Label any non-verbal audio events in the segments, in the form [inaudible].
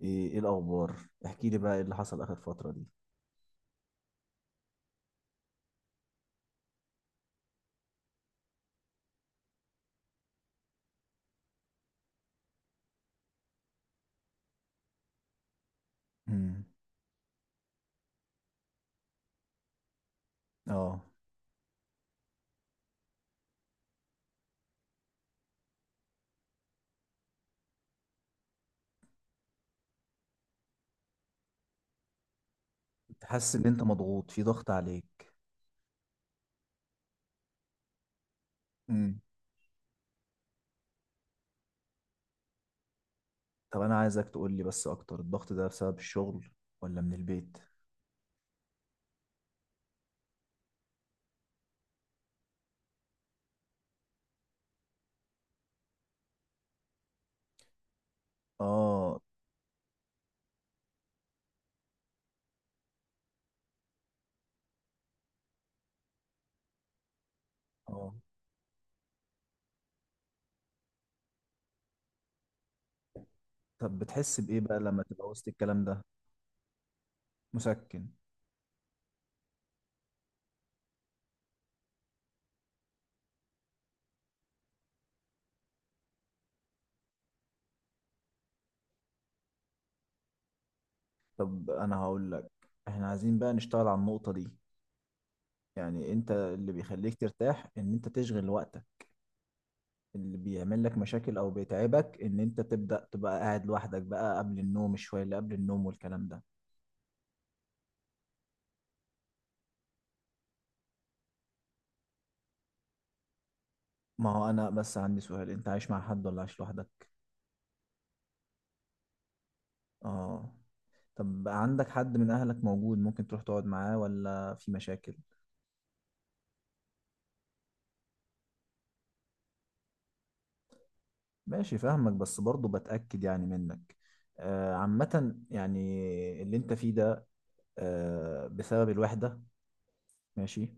إيه الاخبار؟ احكي لي بقى ايه اللي حصل اخر فتره دي؟ امم. انت حاسس ان انت مضغوط؟ في ضغط عليك؟ امم. طب انا عايزك تقول لي بس، اكتر الضغط ده بسبب الشغل ولا من البيت؟ اه. اه. طب بتحس بايه بقى لما تبقى وسط الكلام ده؟ مسكن؟ طب انا هقول لك، احنا عايزين بقى نشتغل على النقطه دي. يعني انت اللي بيخليك ترتاح ان انت تشغل وقتك، اللي بيعمل لك مشاكل او بيتعبك ان انت تبدا تبقى قاعد لوحدك بقى قبل النوم، الشويه اللي قبل النوم والكلام ده. ما هو انا بس عندي سؤال، انت عايش مع حد ولا عايش لوحدك؟ اه. طب عندك حد من اهلك موجود ممكن تروح تقعد معاه، ولا في مشاكل؟ ماشي، فاهمك، بس برضه بتأكد يعني منك. عامة يعني اللي انت فيه ده بسبب الوحدة. ماشي.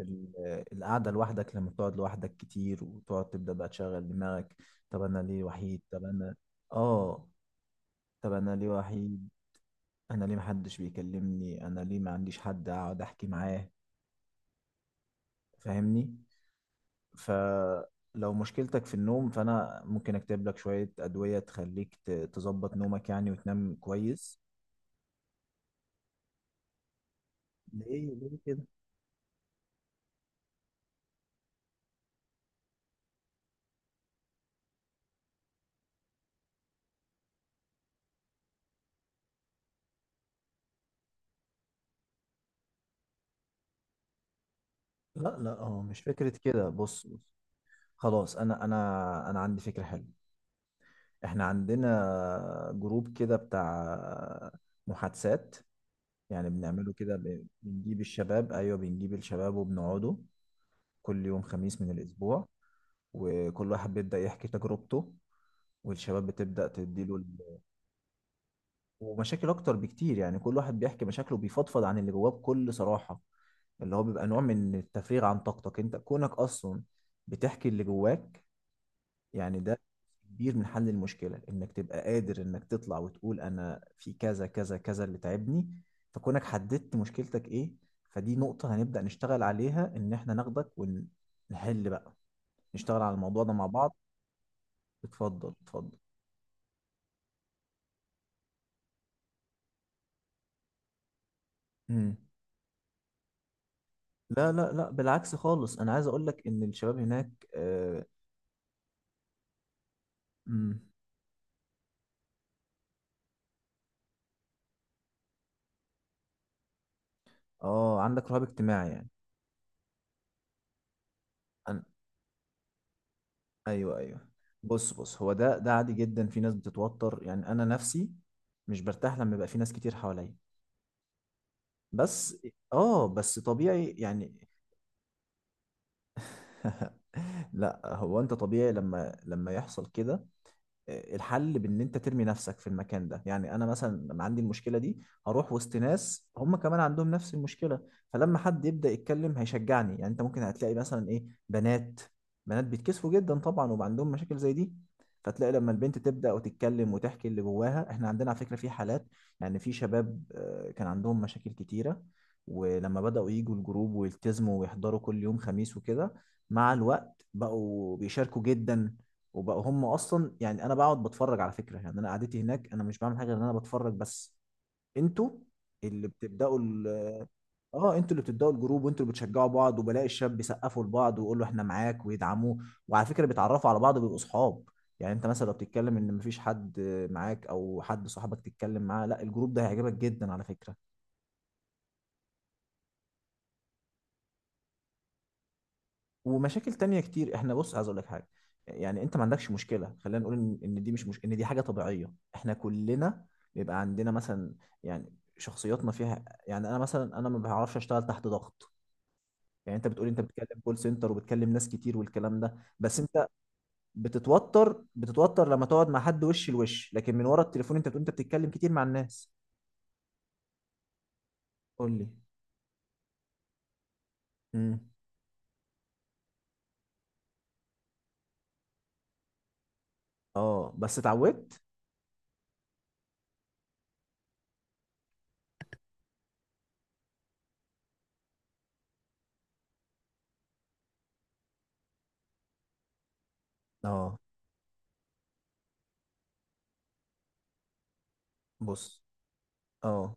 القعدة لوحدك، لما بتقعد لوحدك كتير وتقعد تبدأ بقى تشغل دماغك، طب انا ليه وحيد، طب انا. اه. طب انا ليه وحيد؟ انا ليه محدش بيكلمني؟ انا ليه ما عنديش حد اقعد احكي معاه؟ فاهمني؟ فلو مشكلتك في النوم فأنا ممكن أكتب لك شوية أدوية تخليك تظبط نومك يعني وتنام كويس. ليه؟ ليه كده؟ لا لا، هو مش فكرة كده. بص بص، خلاص. أنا عندي فكرة حلوة. إحنا عندنا جروب كده بتاع محادثات. يعني بنعمله كده، بنجيب الشباب. أيوه، بنجيب الشباب وبنقعدوا كل يوم خميس من الأسبوع، وكل واحد بيبدأ يحكي تجربته، والشباب بتبدأ تديله، ومشاكل اكتر بكتير. يعني كل واحد بيحكي مشاكله، بيفضفض عن اللي جواه بكل صراحة، اللي هو بيبقى نوع من التفريغ عن طاقتك، انت كونك اصلا بتحكي اللي جواك. يعني ده كبير من حل المشكلة انك تبقى قادر انك تطلع وتقول انا في كذا كذا كذا اللي تعبني. فكونك حددت مشكلتك ايه، فدي نقطة هنبدأ نشتغل عليها، ان احنا ناخدك ونحل بقى، نشتغل على الموضوع ده مع بعض. اتفضل اتفضل. مم. لا لا لا، بالعكس خالص، انا عايز اقول لك ان الشباب هناك امم. اه، عندك رهاب اجتماعي يعني. أنا... ايوه ايوه. بص بص، هو ده عادي جدا. في ناس بتتوتر، يعني انا نفسي مش برتاح لما يبقى في ناس كتير حواليا بس، اه بس طبيعي يعني. [laughs] لا، هو انت طبيعي لما يحصل كده. الحل بان انت ترمي نفسك في المكان ده. يعني انا مثلا لما عندي المشكله دي، هروح وسط ناس هم كمان عندهم نفس المشكله، فلما حد يبدا يتكلم هيشجعني. يعني انت ممكن هتلاقي مثلا ايه، بنات بنات بيتكسفوا جدا طبعا وبقى عندهم مشاكل زي دي، فتلاقي لما البنت تبدا وتتكلم وتحكي اللي جواها. احنا عندنا على فكره في حالات، يعني في شباب كان عندهم مشاكل كتيره، ولما بداوا يجوا الجروب ويلتزموا ويحضروا كل يوم خميس وكده، مع الوقت بقوا بيشاركوا جدا، وبقوا هم اصلا. يعني انا بقعد بتفرج على فكره، يعني انا قعدتي هناك انا مش بعمل حاجه غير ان انا بتفرج بس، انتوا اللي بتبداوا اه، انتوا اللي بتبداوا الجروب وانتوا اللي بتشجعوا بعض، وبلاقي الشاب بيسقفوا لبعض ويقولوا احنا معاك ويدعموه. وعلى فكره بيتعرفوا على بعض وبيبقوا صحاب. يعني انت مثلا لو بتتكلم ان مفيش حد معاك او حد صاحبك تتكلم معاه، لا، الجروب ده هيعجبك جدا على فكره، ومشاكل تانية كتير. احنا بص، عايز اقول لك حاجه، يعني انت ما عندكش مشكله. خلينا نقول ان دي مش ان دي حاجه طبيعيه. احنا كلنا بيبقى عندنا مثلا، يعني شخصياتنا فيها، يعني انا مثلا انا ما بعرفش اشتغل تحت ضغط. يعني انت بتقول انت بتتكلم كول سنتر وبتكلم ناس كتير والكلام ده، بس انت بتتوتر، بتتوتر لما تقعد مع حد وش لوش، لكن من ورا التليفون انت بتقول انت بتتكلم كتير مع الناس. قول لي. امم. اه بس اتعودت. اه بص. اه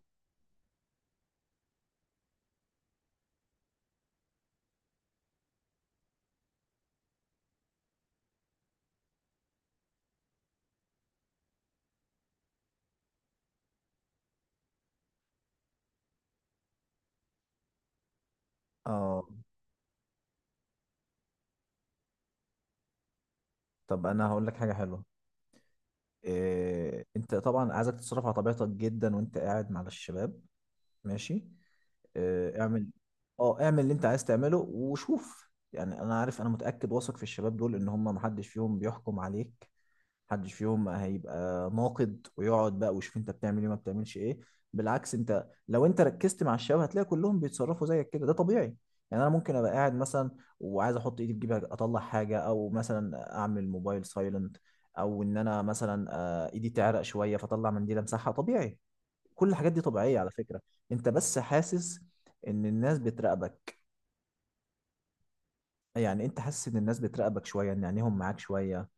اه. طب انا هقول لك حاجه حلوه. انت طبعا عايزك تتصرف على طبيعتك جدا وانت قاعد مع الشباب. ماشي. اعمل. اه، اعمل اللي انت عايز تعمله وشوف. يعني انا عارف، انا متأكد واثق في الشباب دول ان هم محدش فيهم بيحكم عليك. محدش فيهم هيبقى ناقد ويقعد بقى ويشوف انت بتعمل ايه ما بتعملش ايه. بالعكس، انت لو انت ركزت مع الشباب هتلاقي كلهم بيتصرفوا زيك كده، ده طبيعي. يعني انا ممكن ابقى قاعد مثلا وعايز احط ايدي في جيبي اطلع حاجه، او مثلا اعمل موبايل سايلنت، او ان انا مثلا ايدي تعرق شويه فاطلع منديل امسحها، طبيعي. كل الحاجات دي طبيعيه على فكره. انت بس حاسس ان الناس بتراقبك. يعني انت حاسس ان الناس بتراقبك شويه، ان عينيهم معاك شويه.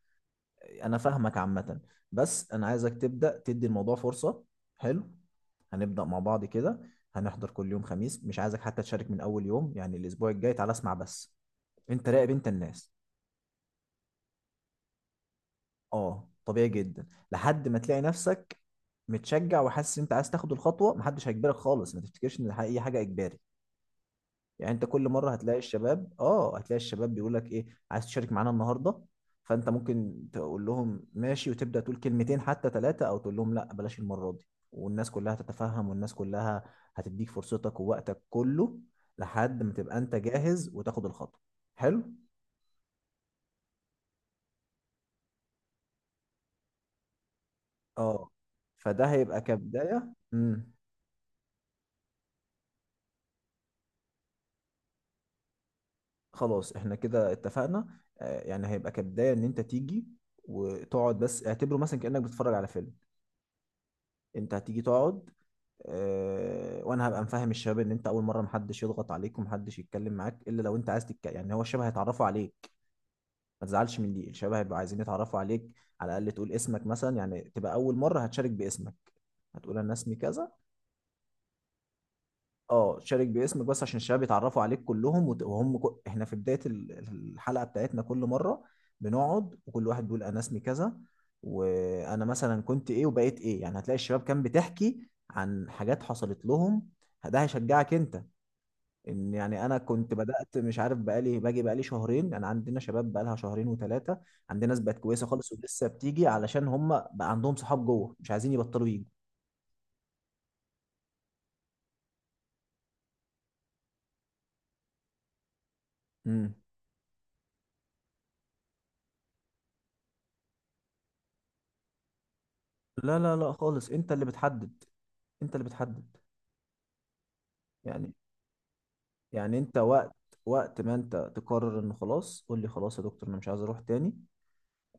انا فاهمك عامة، بس انا عايزك تبدأ تدي الموضوع فرصة. حلو. هنبدأ مع بعض كده، هنحضر كل يوم خميس. مش عايزك حتى تشارك من اول يوم، يعني الاسبوع الجاي تعالى اسمع بس، انت راقب انت الناس. اه طبيعي جدا. لحد ما تلاقي نفسك متشجع وحاسس انت عايز تاخد الخطوة، محدش هيجبرك خالص، ما تفتكرش ان اي حاجة اجباري. يعني انت كل مره هتلاقي الشباب، بيقول لك ايه، عايز تشارك معانا النهارده؟ فانت ممكن تقول لهم ماشي وتبدا تقول كلمتين حتى ثلاثه، او تقول لهم لا بلاش المره دي، والناس كلها تتفهم، والناس كلها هتديك فرصتك ووقتك كله لحد ما تبقى انت جاهز وتاخد الخطوه. حلو. اه، فده هيبقى كبدايه. امم. خلاص احنا كده اتفقنا. يعني هيبقى كبدايه ان انت تيجي وتقعد بس، اعتبره مثلا كانك بتتفرج على فيلم. انت هتيجي تقعد وانا هبقى مفهم الشباب ان انت اول مره محدش يضغط عليك ومحدش يتكلم معاك الا لو انت عايز تتكلم. يعني هو الشباب هيتعرفوا عليك، ما تزعلش من دي، الشباب هيبقوا عايزين يتعرفوا عليك. على الاقل تقول اسمك مثلا، يعني تبقى اول مره هتشارك باسمك، هتقول انا اسمي كذا. اه، شارك باسمك بس عشان الشباب يتعرفوا عليك كلهم، وهم احنا في بدايه الحلقه بتاعتنا كل مره بنقعد وكل واحد بيقول انا اسمي كذا وانا مثلا كنت ايه وبقيت ايه. يعني هتلاقي الشباب كان بتحكي عن حاجات حصلت لهم، ده هيشجعك انت، ان يعني انا كنت بدات مش عارف بقالي باجي بقالي شهرين. انا عندنا شباب بقالها شهرين وثلاثه، عندنا ناس بقت كويسه خالص ولسه بتيجي علشان هم بقى عندهم صحاب جوه مش عايزين يبطلوا يجوا. امم. لا لا لا خالص، انت اللي بتحدد، انت اللي بتحدد. يعني يعني انت وقت ما انت تقرر انه خلاص قول لي خلاص يا دكتور انا مش عايز اروح تاني،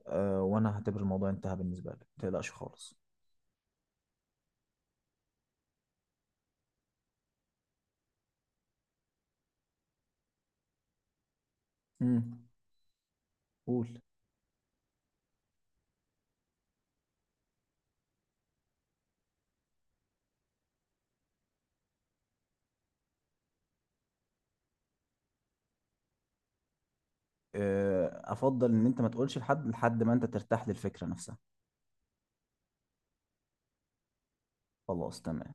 أه وانا هعتبر الموضوع انتهى بالنسبه لي، ما تقلقش خالص. امم. قول. افضل ان انت ما تقولش لحد لحد ما انت ترتاح للفكره نفسها. خلاص تمام.